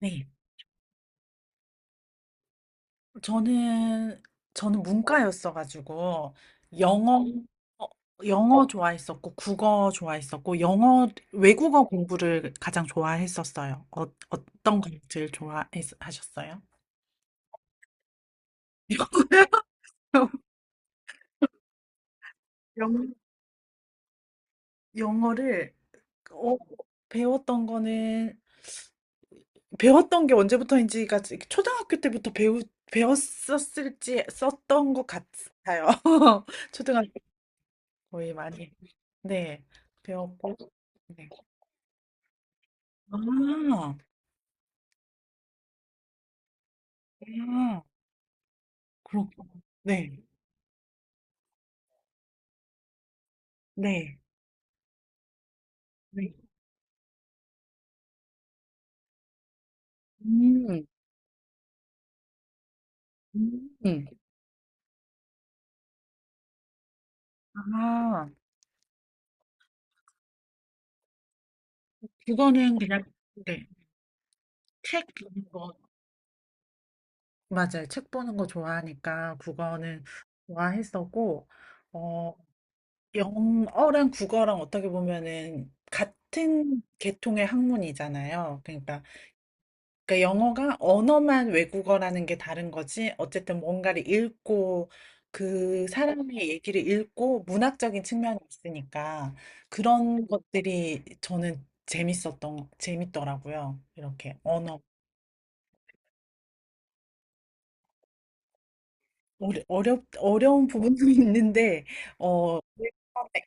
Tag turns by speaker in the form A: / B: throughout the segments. A: 네. 저는 저는 문과였어 가지고 영어 음. 어, 영어 좋아했었고 국어 좋아했었고 영어 외국어 공부를 가장 좋아했었어요. 어떤 걸 제일 좋아하셨어요? 영어 어를 어, 배웠던 거는 배웠던 게 언제부터인지가 초등학교 때부터 배우 배웠었을지 썼던 것 같아요. 초등학교. 거의 많이. 네. 배웠고. 네. 아, 아, 그렇구 네. 네. 네. 음, 음. 아, 국어는 그냥, 네. 책 보는 거, 맞아요. 책 보는 거 좋아하니까 국어는 좋아했었고, 어, 영어랑 국어랑 어떻게 보면은 같은 계통의 학문이잖아요. 그러니까 영어가 언어만 외국어라는 게 다른 거지. 어쨌든 뭔가를 읽고 그 사람의 얘기를 읽고 문학적인 측면이 있으니까 그런 것들이 저는 재밌었던 재밌더라고요. 이렇게 언어 어려운 부분도 있는데 어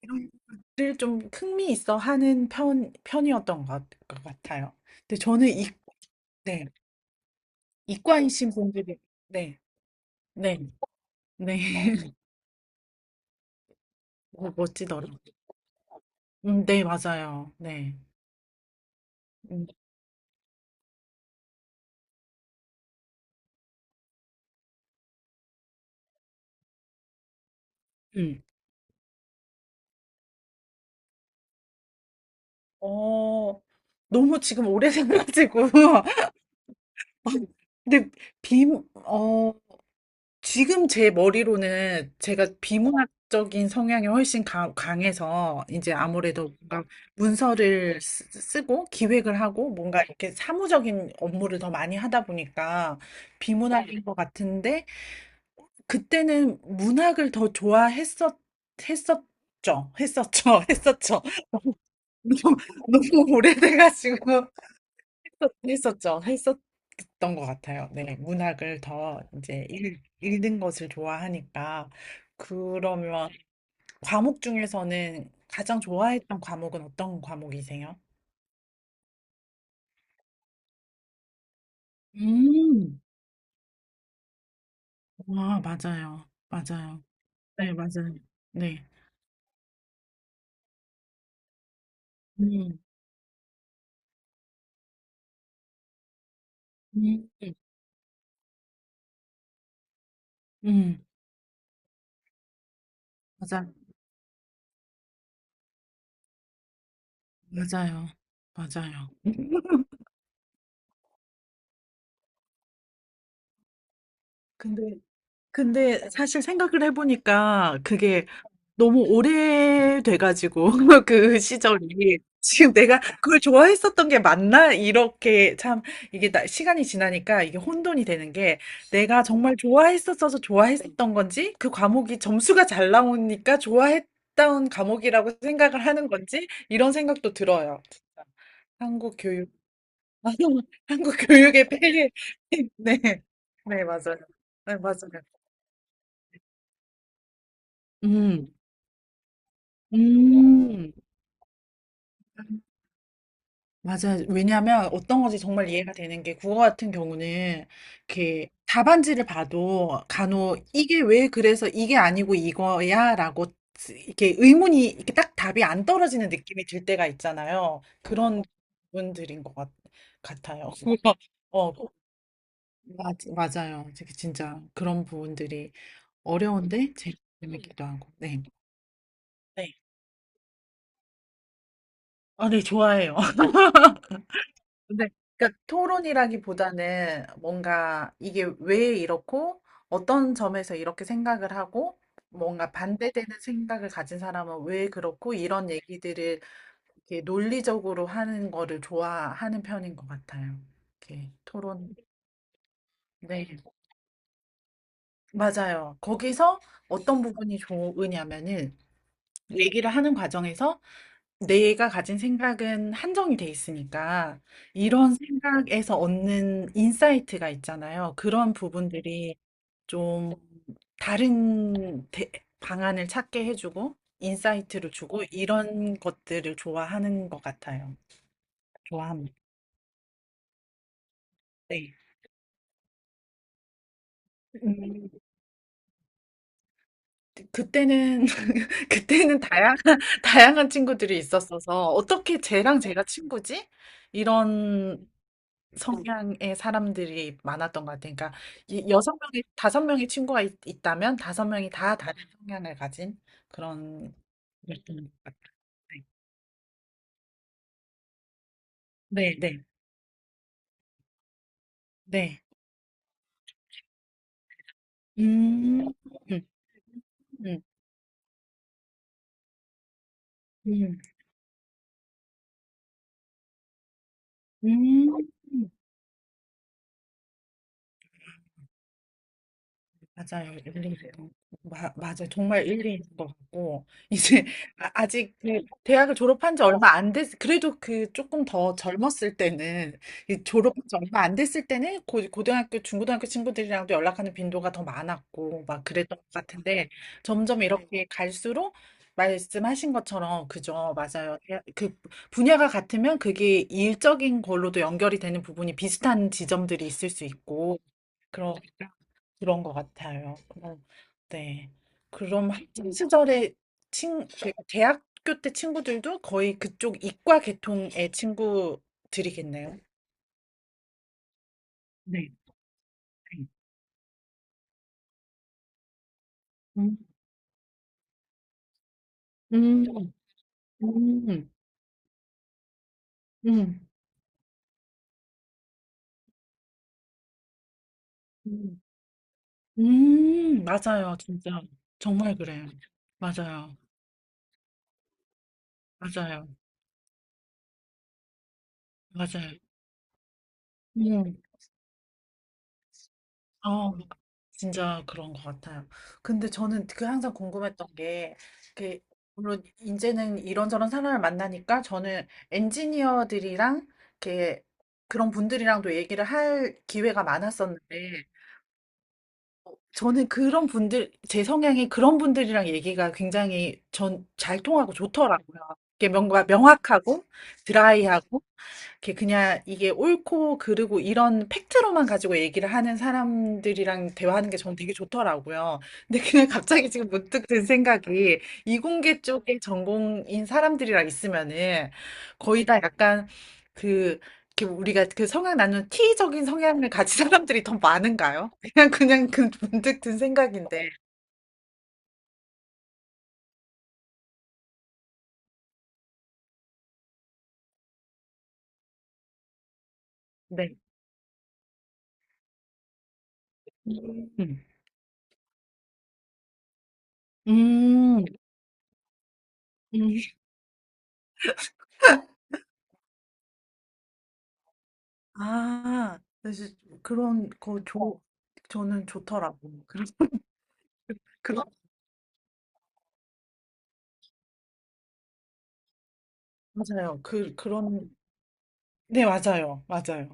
A: 이런 것들 좀 흥미 있어 하는 편 편이었던 것 같아요. 근데 저는 네, 이과이신 분들이 네, 네, 네. 멋지더라고요. 네, 맞아요. 네. 음. 음. 어, 너무 지금 오래 생각지고. 근데 비, 어, 지금 제 머리로는 제가 비문학적인 성향이 훨씬 강해서 이제 아무래도 뭔가 문서를 쓰고 기획을 하고 뭔가 이렇게 사무적인 업무를 더 많이 하다 보니까 비문학인 것 같은데 그때는 문학을 더 했었죠. 했었죠. 했었죠. 너무, 너무 오래돼가지고 했었죠. 했었던 것 같아요. 네, 문학을 더 이제 읽는 것을 좋아하니까. 그러면 과목 중에서는 가장 좋아했던 과목은 어떤 과목이세요? 음, 와, 맞아요. 맞아요. 네, 맞아요. 네. 음, 음, 음, 맞아, 맞아요. 맞아요. 근데, 근데 사실 생각을 해보니까 그게 너무 오래돼가지고 그 시절이 지금 내가 그걸 좋아했었던 게 맞나? 이렇게 참 이게 시간이 지나니까 이게 혼돈이 되는 게 내가 정말 좋아했었어서 좋아했었던 건지 그 과목이 점수가 잘 나오니까 좋아했던 과목이라고 생각을 하는 건지 이런 생각도 들어요. 진짜. 한국 교육 한국 교육의 폐해 네. 네, 맞아요. 네, 맞아요. 음. 음. 맞아요. 왜냐하면 어떤 건지 정말 이해가 되는 게 국어 같은 경우는 이렇게 답안지를 봐도 간혹 이게 왜 그래서 이게 아니고 이거야라고 이렇게 의문이 이렇게 딱 답이 안 떨어지는 느낌이 들 때가 있잖아요. 그런 부분들인 것 같아요. 그래서, 어, 맞아요. 되게 진짜 그런 부분들이 어려운데 재밌기도 하고. 네. 네. 아, 네, 좋아해요. 근데 그러니까 토론이라기보다는 뭔가 이게 왜 이렇고 어떤 점에서 이렇게 생각을 하고 뭔가 반대되는 생각을 가진 사람은 왜 그렇고 이런 얘기들을 이렇게 논리적으로 하는 거를 좋아하는 편인 것 같아요. 이렇게 토론. 네, 맞아요. 거기서 어떤 부분이 좋으냐면은 얘기를 하는 과정에서 내가 가진 생각은 한정이 돼 있으니까 이런 생각에서 얻는 인사이트가 있잖아요. 그런 부분들이 좀 다른 방안을 찾게 해주고 인사이트를 주고 이런 것들을 좋아하는 것 같아요. 좋아합니다. 네. 음, 그때는 그때는 다양한 친구들이 있었어서 어떻게 쟤랑 제가 친구지? 이런 성향의 사람들이 많았던 것 같아요. 그러니까 이 6명이 5명의 친구가 있다면 5명이 다 다른 성향을 가진 그런 였던 것 같아요. 네, 네, 네. 네. 음, 음, 음, 음. 음. 맞아요. 일리세요. 맞아요. 정말 일리인 것 같고 이제 아직 그 대학을 졸업한 지 얼마 안 됐, 그래도 그 조금 더 젊었을 때는 이 졸업한 지 얼마 안 됐을 때는 고등학교, 중고등학교 친구들이랑도 연락하는 빈도가 더 많았고 막 그랬던 것 같은데 점점 이렇게 갈수록 말씀하신 것처럼 그죠. 맞아요. 그 분야가 같으면 그게 일적인 걸로도 연결이 되는 부분이 비슷한 지점들이 있을 수 있고 그런 그런 것 같아요. 어 네. 그럼 학창 시절에 친 그 대학교 때 친구들도 거의 그쪽 이과 계통의 친구들이겠네요. 네. 네. 음. 음. 음. 음. 음. 맞아요. 진짜 정말 그래요. 맞아요. 맞아요. 맞아요. 음. 어. 진짜 그런 것 같아요. 근데 저는 그 항상 궁금했던 게, 그, 물론 이제는 이런저런 사람을 만나니까 저는 엔지니어들이랑, 이렇게 그런 분들이랑도 얘기를 할 기회가 많았었는데, 저는 그런 분들, 제 성향이 그런 분들이랑 얘기가 굉장히 전 잘 통하고 좋더라고요. 이게 뭔가 명확하고 드라이하고 이렇게 그냥 이게 옳고 그르고 이런 팩트로만 가지고 얘기를 하는 사람들이랑 대화하는 게 저는 되게 좋더라고요. 근데 그냥 갑자기 지금 문득 든 생각이 이공계 쪽에 전공인 사람들이랑 있으면은 거의 다 약간 그 이렇게 우리가 그 성향 나누는 T적인 성향을 가진 사람들이 더 많은가요? 그냥 그냥 그 문득 든 생각인데. 네. 음. 음. 음. 아. 그래서 그런 거 좋 저는 좋더라고요. 그런 그런 맞아요. 그런 네 맞아요. 맞아요.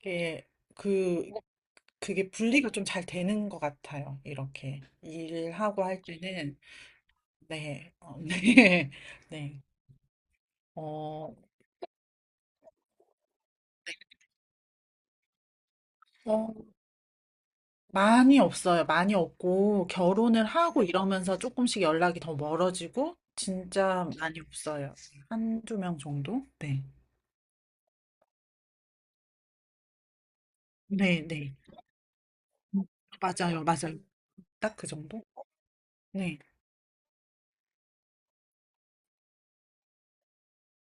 A: 그렇게 그 네. 그게 분리가 좀 잘 되는 것 같아요. 이렇게 일하고 할 때는 네. 네. 네. 어 어 많이 없어요. 많이 없고 결혼을 하고 이러면서 조금씩 연락이 더 멀어지고 진짜 많이 없어요. 한 두 명 정도? 네. 네네. 음. 맞아요, 맞아요. 딱 그 정도? 네.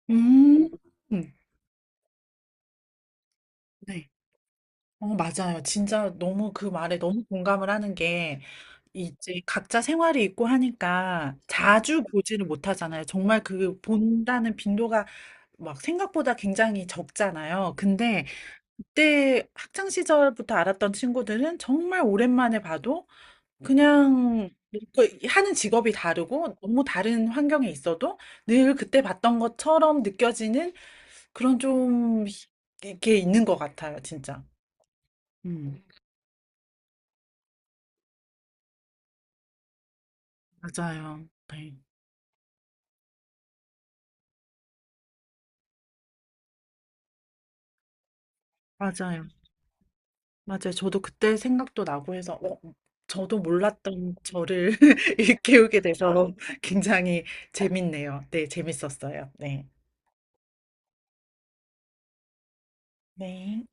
A: 음, 음. 네. 맞아요. 진짜 너무 그 말에 너무 공감을 하는 게 이제 각자 생활이 있고 하니까 자주 보지를 못하잖아요. 정말 그 본다는 빈도가 막 생각보다 굉장히 적잖아요. 근데 그때 학창 시절부터 알았던 친구들은 정말 오랜만에 봐도 그냥 그 하는 직업이 다르고 너무 다른 환경에 있어도 늘 그때 봤던 것처럼 느껴지는 그런 좀 이게 있는 것 같아요, 진짜. 음. 맞아요. 네. 맞아요. 맞아요. 저도 그때 생각도 나고 해서 저도 몰랐던 저를 일깨우게 돼서 굉장히 재밌네요. 네, 재밌었어요. 네. 네.